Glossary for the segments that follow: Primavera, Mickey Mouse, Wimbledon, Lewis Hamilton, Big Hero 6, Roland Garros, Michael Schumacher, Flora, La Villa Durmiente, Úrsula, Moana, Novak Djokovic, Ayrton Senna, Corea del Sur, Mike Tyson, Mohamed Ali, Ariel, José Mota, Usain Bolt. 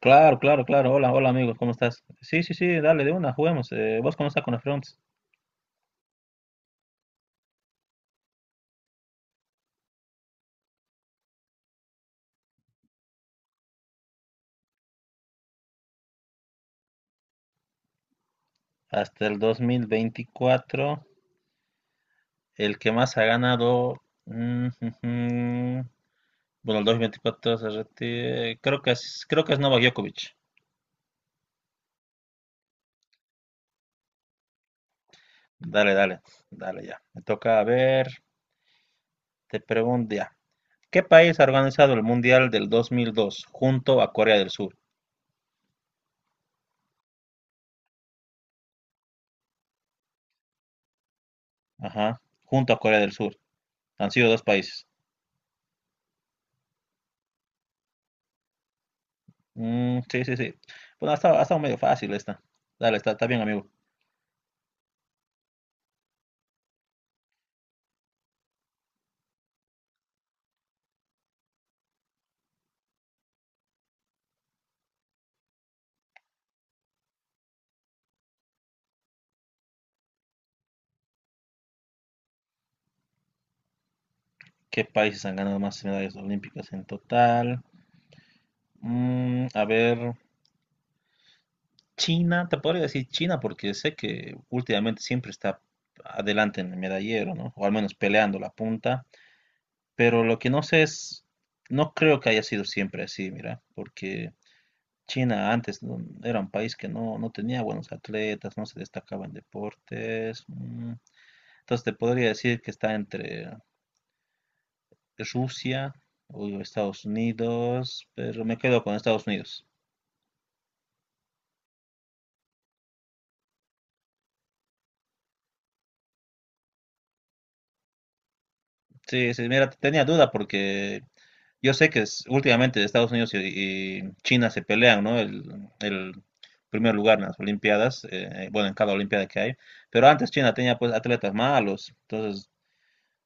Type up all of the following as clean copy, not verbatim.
Claro, claro, claro. Hola, hola amigos, ¿cómo estás? Sí, sí, sí, dale de una, juguemos. ¿Vos cómo estás con la Fronts? Hasta el 2024, el que más ha ganado. Mm, jujum. Bueno, el 2024 se retira. Creo que es Novak Djokovic. Dale, dale, dale ya. Me toca a ver, te pregunto ya. ¿Qué país ha organizado el Mundial del 2002 junto a Corea del Sur? Ajá, junto a Corea del Sur. Han sido dos países. Mm, sí, sí, sí. Bueno, ha estado medio fácil esta. Dale, está bien, amigo. ¿Qué países han ganado más medallas olímpicas en total? Mm, a ver, China, te podría decir China porque sé que últimamente siempre está adelante en el medallero, ¿no? O al menos peleando la punta. Pero lo que no sé es, no creo que haya sido siempre así, mira, porque China antes no- era un país que no, no tenía buenos atletas, no se destacaba en deportes. Mm. Entonces te podría decir que está entre Rusia o Estados Unidos, pero me quedo con Estados Unidos. Sí, sí, mira, tenía duda porque yo sé que últimamente Estados Unidos y China se pelean, ¿no? El primer lugar en las Olimpiadas, bueno, en cada Olimpiada que hay, pero antes China tenía pues atletas malos, entonces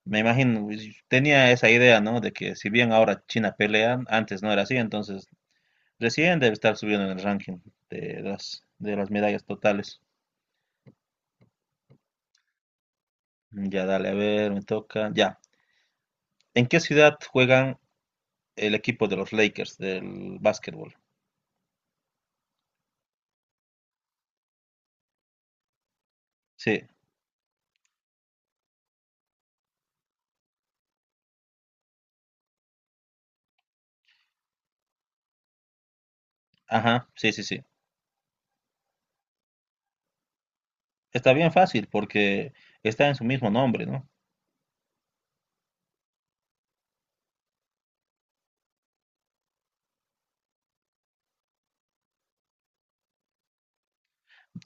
me imagino, y tenía esa idea, ¿no? De que si bien ahora China pelea, antes no era así, entonces recién debe estar subiendo en el ranking de las medallas totales. Ya, dale, a ver, me toca, ya. ¿En qué ciudad juegan el equipo de los Lakers del básquetbol? Sí, ajá, sí, sí, sí. Está bien fácil porque está en su mismo nombre, ¿no?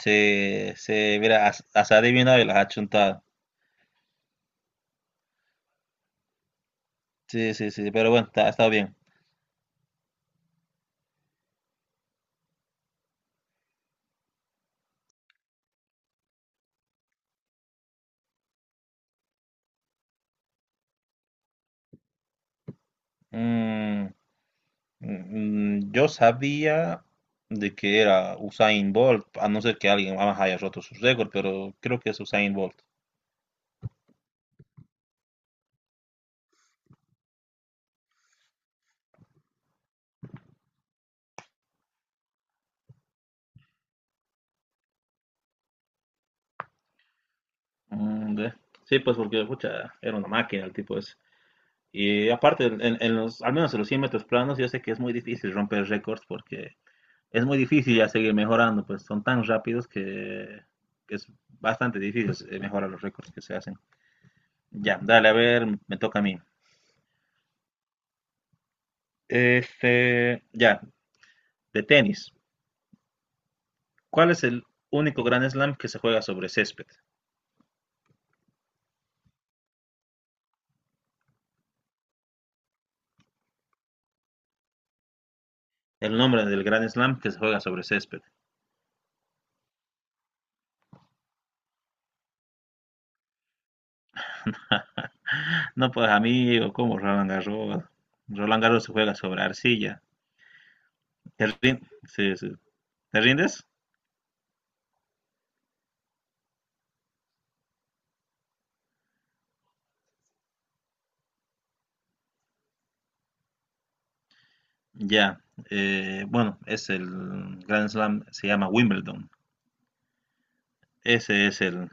Sí, se, mira, has adivinado y las has chuntado. Sí, sí, sí, pero bueno, está bien. Mm, mm, yo sabía de que era Usain Bolt, a no ser que alguien más haya roto su récord, pero creo que es Usain Bolt. Mm, ve. Sí, pues porque, pucha, era una máquina el tipo ese. Y aparte, en los, al menos en los 100 metros planos, yo sé que es muy difícil romper récords porque es muy difícil ya seguir mejorando, pues son tan rápidos que es bastante difícil mejorar los récords que se hacen. Ya, dale, a ver, me toca a mí. Este, ya, de tenis. ¿Cuál es el único Grand Slam que se juega sobre césped? El nombre del Grand Slam que se juega sobre césped. No, pues amigo, como Roland Garros. Roland Garros se juega sobre arcilla. Sí, sí. ¿Te rindes? Ya, bueno, es el Grand Slam, se llama Wimbledon. Ese es el,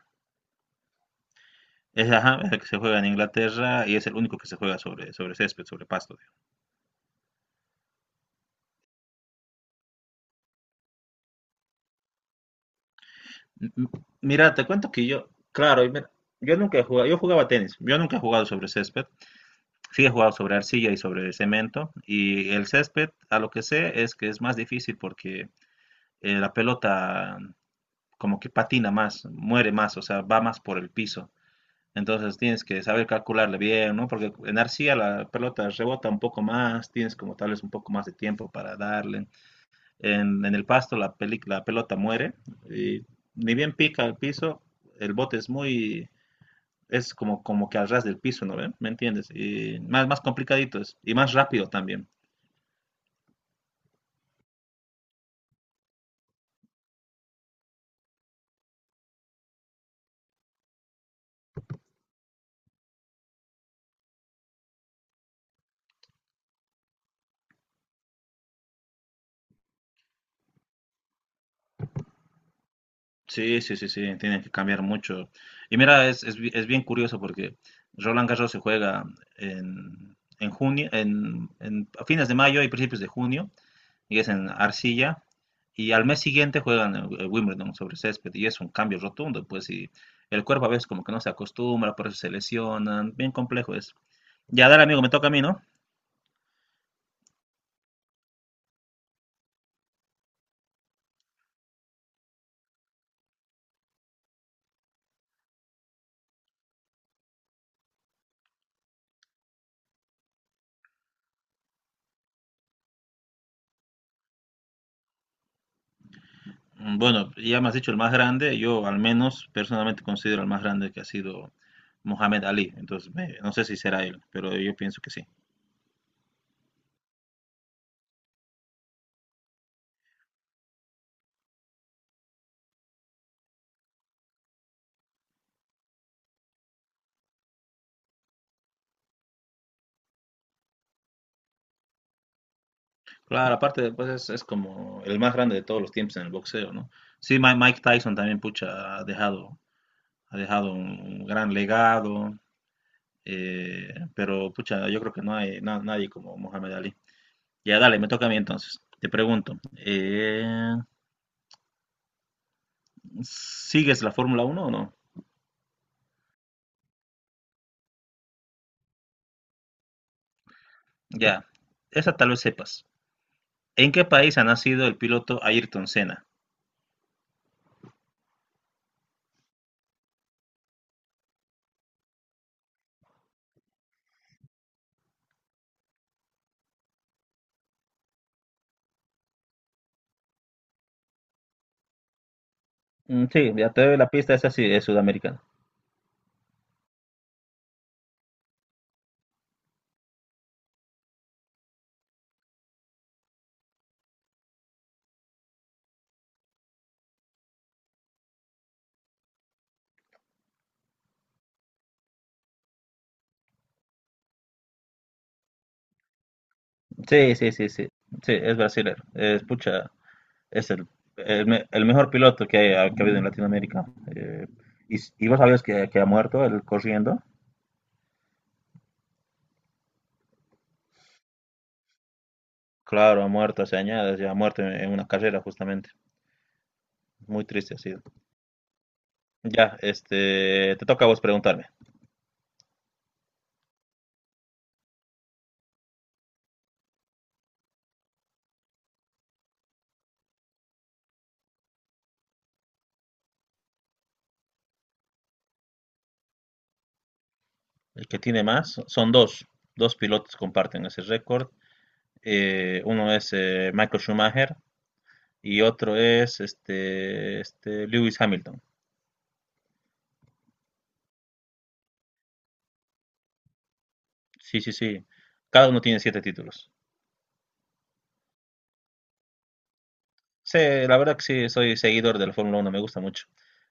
es, ajá, es el que se juega en Inglaterra y es el único que se juega sobre, sobre césped, sobre pasto. Digo. M- m- Mira, te cuento que yo, claro, y mira, yo nunca he jugado, yo jugaba tenis, yo nunca he jugado sobre césped, sí he jugado sobre arcilla y sobre cemento, y el césped, a lo que sé, es que es más difícil porque la pelota como que patina más, muere más, o sea, va más por el piso. Entonces tienes que saber calcularle bien, ¿no? Porque en arcilla la pelota rebota un poco más, tienes como tal vez un poco más de tiempo para darle. En el pasto la pelota muere y ni bien pica el piso, el bote es muy, es como, como que al ras del piso, ¿no ven? ¿Me entiendes? Y más, más complicadito es, y más rápido también. Sí, sí, sí, sí, tienen que cambiar mucho. Y mira, es bien curioso porque Roland Garros se juega en junio, a fines de mayo y principios de junio, y es en arcilla. Y al mes siguiente juegan Wimbledon sobre césped y es un cambio rotundo, pues, y el cuerpo a veces como que no se acostumbra, por eso se lesionan, bien complejo es. Ya, dale, amigo, me toca a mí, ¿no? Mm, bueno, ya me has dicho el más grande, yo al menos personalmente considero el más grande que ha sido Mohamed Ali, entonces no sé si será él, pero yo pienso que sí. Claro, aparte, pues es como el más grande de todos los tiempos en el boxeo, ¿no? Sí, Mike Tyson también, pucha, ha dejado un gran legado. Pero pucha, yo creo que no hay nadie como Mohamed Ali. Ya, dale, me toca a mí entonces. Te pregunto, ¿sigues la Fórmula Uno o no? Ya, esa tal vez sepas. ¿En qué país ha nacido el piloto Ayrton Senna? Mm, sí, ya te doy la pista, esa sí es sudamericana. Sí, sí, sí, sí. Sí, es brasilero. Es, pucha, es el me- el mejor piloto que ha habido en Latinoamérica. Eh, y vos sabías que ha muerto él corriendo. Claro, ha muerto hace años, ya ha muerto en una carrera justamente. Muy triste ha sido. Ya, este, te toca a vos preguntarme. El que tiene más, son dos, dos pilotos comparten ese récord. Uno es Michael Schumacher y otro es este Lewis Hamilton. Sí, sí, sí. Cada uno tiene 7 títulos. Sí, la verdad que sí, soy seguidor de la Fórmula Uno, me gusta mucho.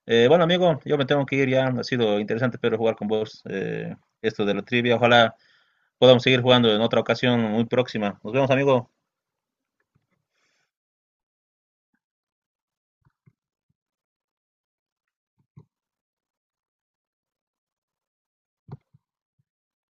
Bueno, amigo, yo me tengo que ir ya. Ha sido interesante, pero jugar con vos esto de la trivia. Ojalá podamos seguir jugando en otra ocasión muy próxima. Nos vemos, amigo.